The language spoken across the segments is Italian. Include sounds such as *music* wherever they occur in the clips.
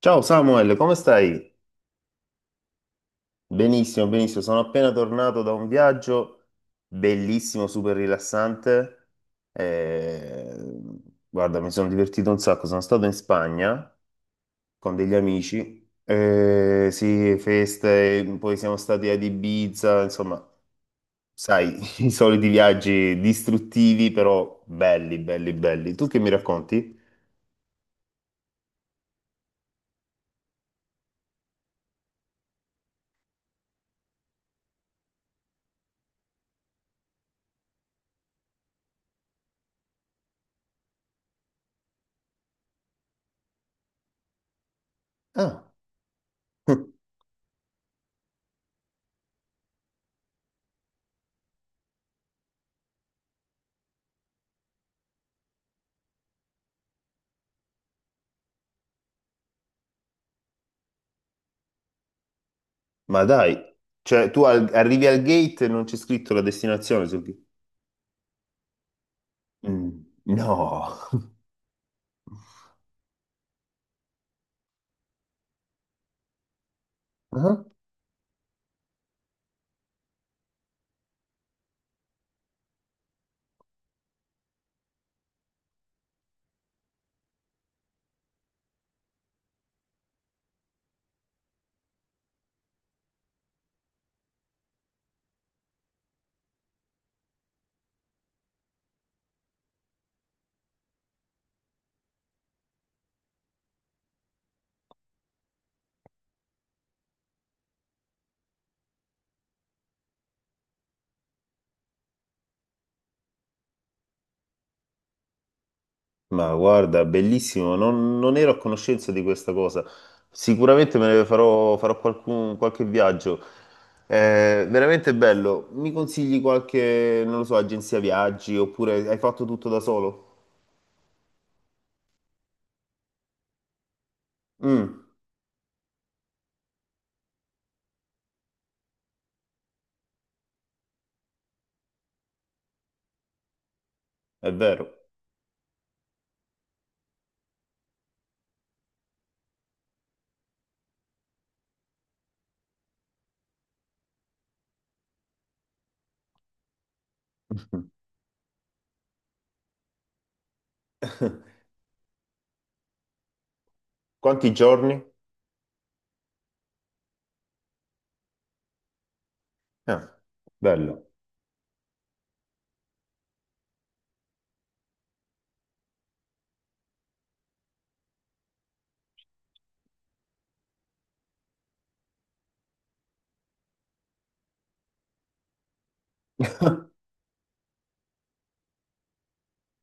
Ciao Samuel, come stai? Benissimo, benissimo. Sono appena tornato da un viaggio bellissimo, super rilassante. Eh, Guarda, mi sono divertito un sacco. Sono stato in Spagna con degli amici. Sì, feste, poi siamo stati ad Ibiza, insomma, sai, *laughs* i soliti viaggi distruttivi, però belli, belli, belli. Tu che mi racconti? Ah, *laughs* ma dai, cioè arrivi al gate e non c'è scritto la destinazione sul... Mm, no, *laughs* ah. Ma guarda, bellissimo, non ero a conoscenza di questa cosa. Sicuramente farò qualche viaggio. È veramente bello. Mi consigli qualche, non lo so, agenzia viaggi oppure hai fatto tutto da solo? Mm, è vero. *laughs* Quanti giorni? Ah, bello. *laughs*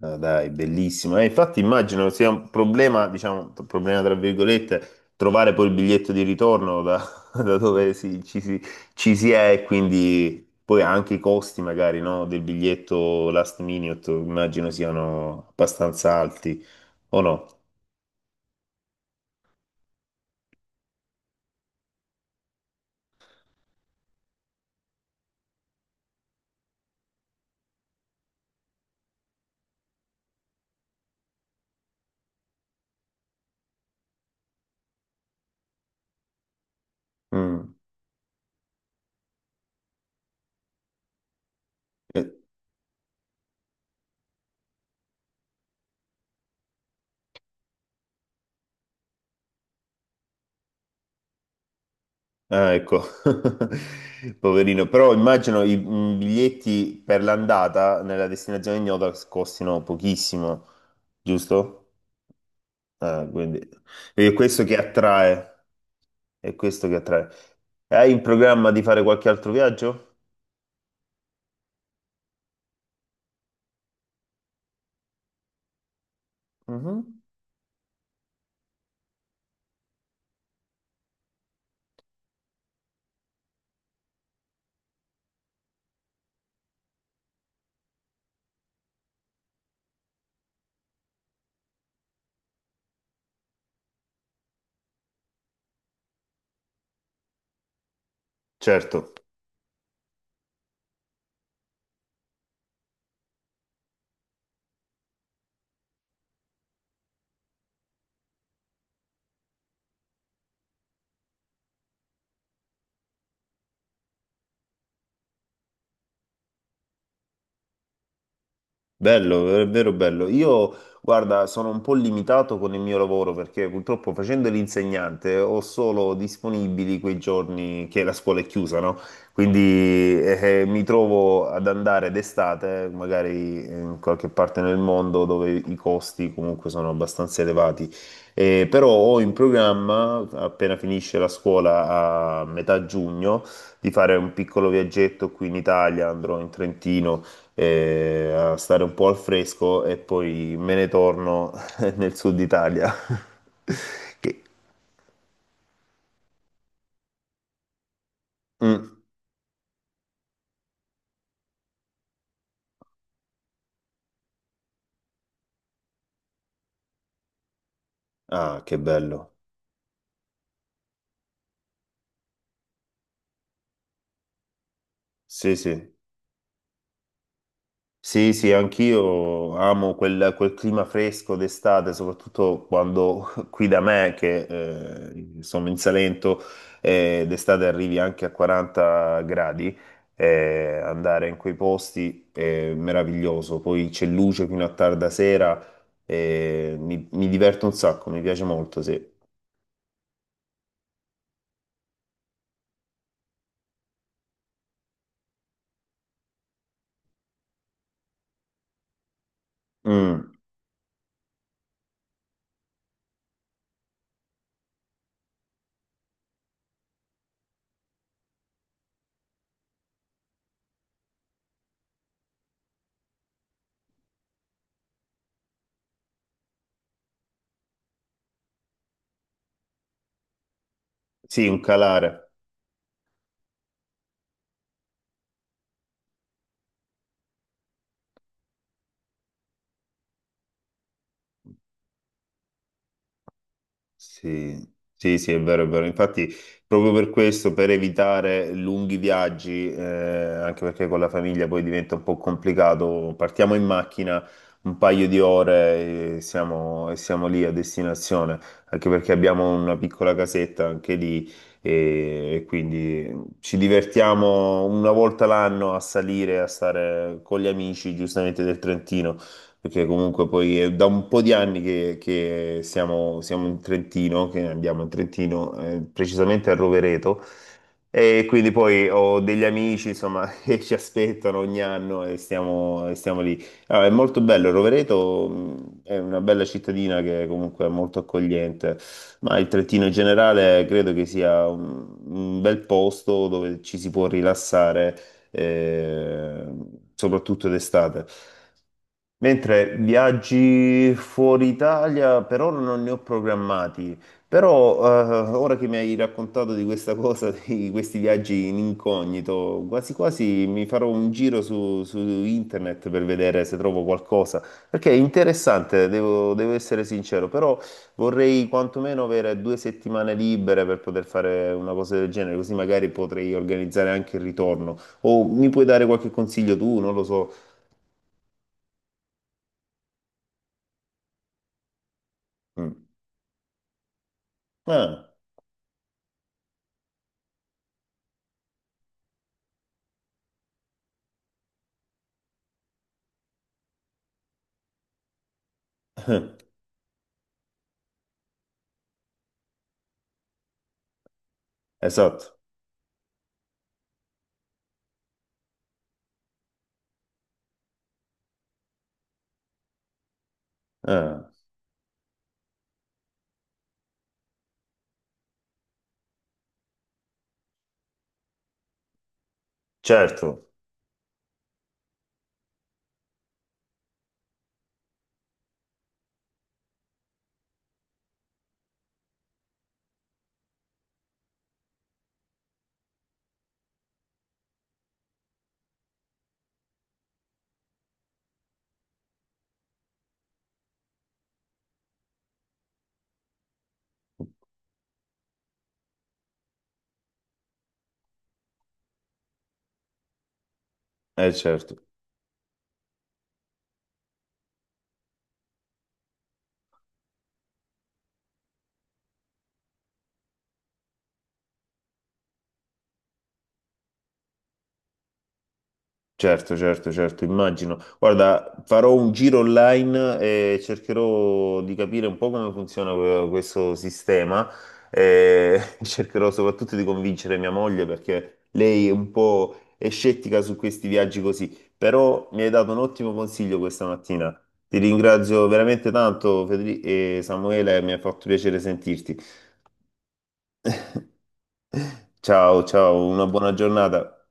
Ah, dai, bellissimo. Infatti immagino sia un problema, diciamo, un problema tra virgolette, trovare poi il biglietto di ritorno da, *laughs* da dove si- ci, si, ci si è, e quindi poi anche i costi magari, no, del biglietto last minute immagino siano abbastanza alti, o no? Mm. Eh, ah, ecco, *laughs* poverino. Però immagino i biglietti per l'andata nella destinazione ignota costino pochissimo, giusto? Quindi è questo che attrae, è questo che attrae. Hai in programma di fare qualche altro viaggio? Mhm. Certo. Bello, è vero, bello. Io, guarda, sono un po' limitato con il mio lavoro perché purtroppo facendo l'insegnante ho solo disponibili quei giorni che la scuola è chiusa, no? Quindi mi trovo ad andare d'estate, magari in qualche parte nel mondo dove i costi comunque sono abbastanza elevati. Però ho in programma, appena finisce la scuola a metà giugno, di fare un piccolo viaggetto qui in Italia. Andrò in Trentino a stare un po' al fresco e poi me ne torno *laughs* nel sud Italia. *laughs* Che... Mm. Ah, che bello. Sì, sì. Sì, sì, anch'io amo quel clima fresco d'estate, soprattutto quando *laughs* qui da me, che sono in Salento, d'estate arrivi anche a 40 gradi, andare in quei posti è meraviglioso, poi c'è luce fino a tarda sera, mi diverto un sacco, mi piace molto, sì. Mm, sì, un calare. Sì, sì, sì, è vero, è vero. Infatti, proprio per questo, per evitare lunghi viaggi, anche perché con la famiglia poi diventa un po' complicato, partiamo in macchina un paio di ore e e siamo lì a destinazione, anche perché abbiamo una piccola casetta anche lì e quindi ci divertiamo una volta l'anno a salire, a stare con gli amici, giustamente del Trentino, perché comunque poi è da un po' di anni che siamo in Trentino, che andiamo in Trentino, precisamente a Rovereto, e quindi poi ho degli amici, insomma, *laughs* che ci aspettano ogni anno e e stiamo lì. Ah, è molto bello. Rovereto è una bella cittadina che comunque è molto accogliente, ma il Trentino in generale credo che sia un bel posto dove ci si può rilassare, eh, soprattutto d'estate. Mentre viaggi fuori Italia per ora non ne ho programmati, però ora che mi hai raccontato di questa cosa, *laughs* di questi viaggi in incognito, quasi quasi mi farò un giro su internet per vedere se trovo qualcosa, perché è interessante, devo, devo essere sincero, però vorrei quantomeno avere 2 settimane libere per poter fare una cosa del genere, così magari potrei organizzare anche il ritorno. O mi puoi dare qualche consiglio tu, non lo so. Mm. Ah. *laughs* Esatto. Eh, certo, certo, certo, certo, certo, immagino. Guarda, farò un giro online e cercherò di capire un po' come funziona questo sistema e *laughs* cercherò soprattutto di convincere mia moglie perché lei è un po' è scettica su questi viaggi così, però mi hai dato un ottimo consiglio questa mattina. Ti ringrazio veramente tanto, Federico e Samuele, mi ha fatto piacere sentirti. Ciao, ciao, una buona giornata.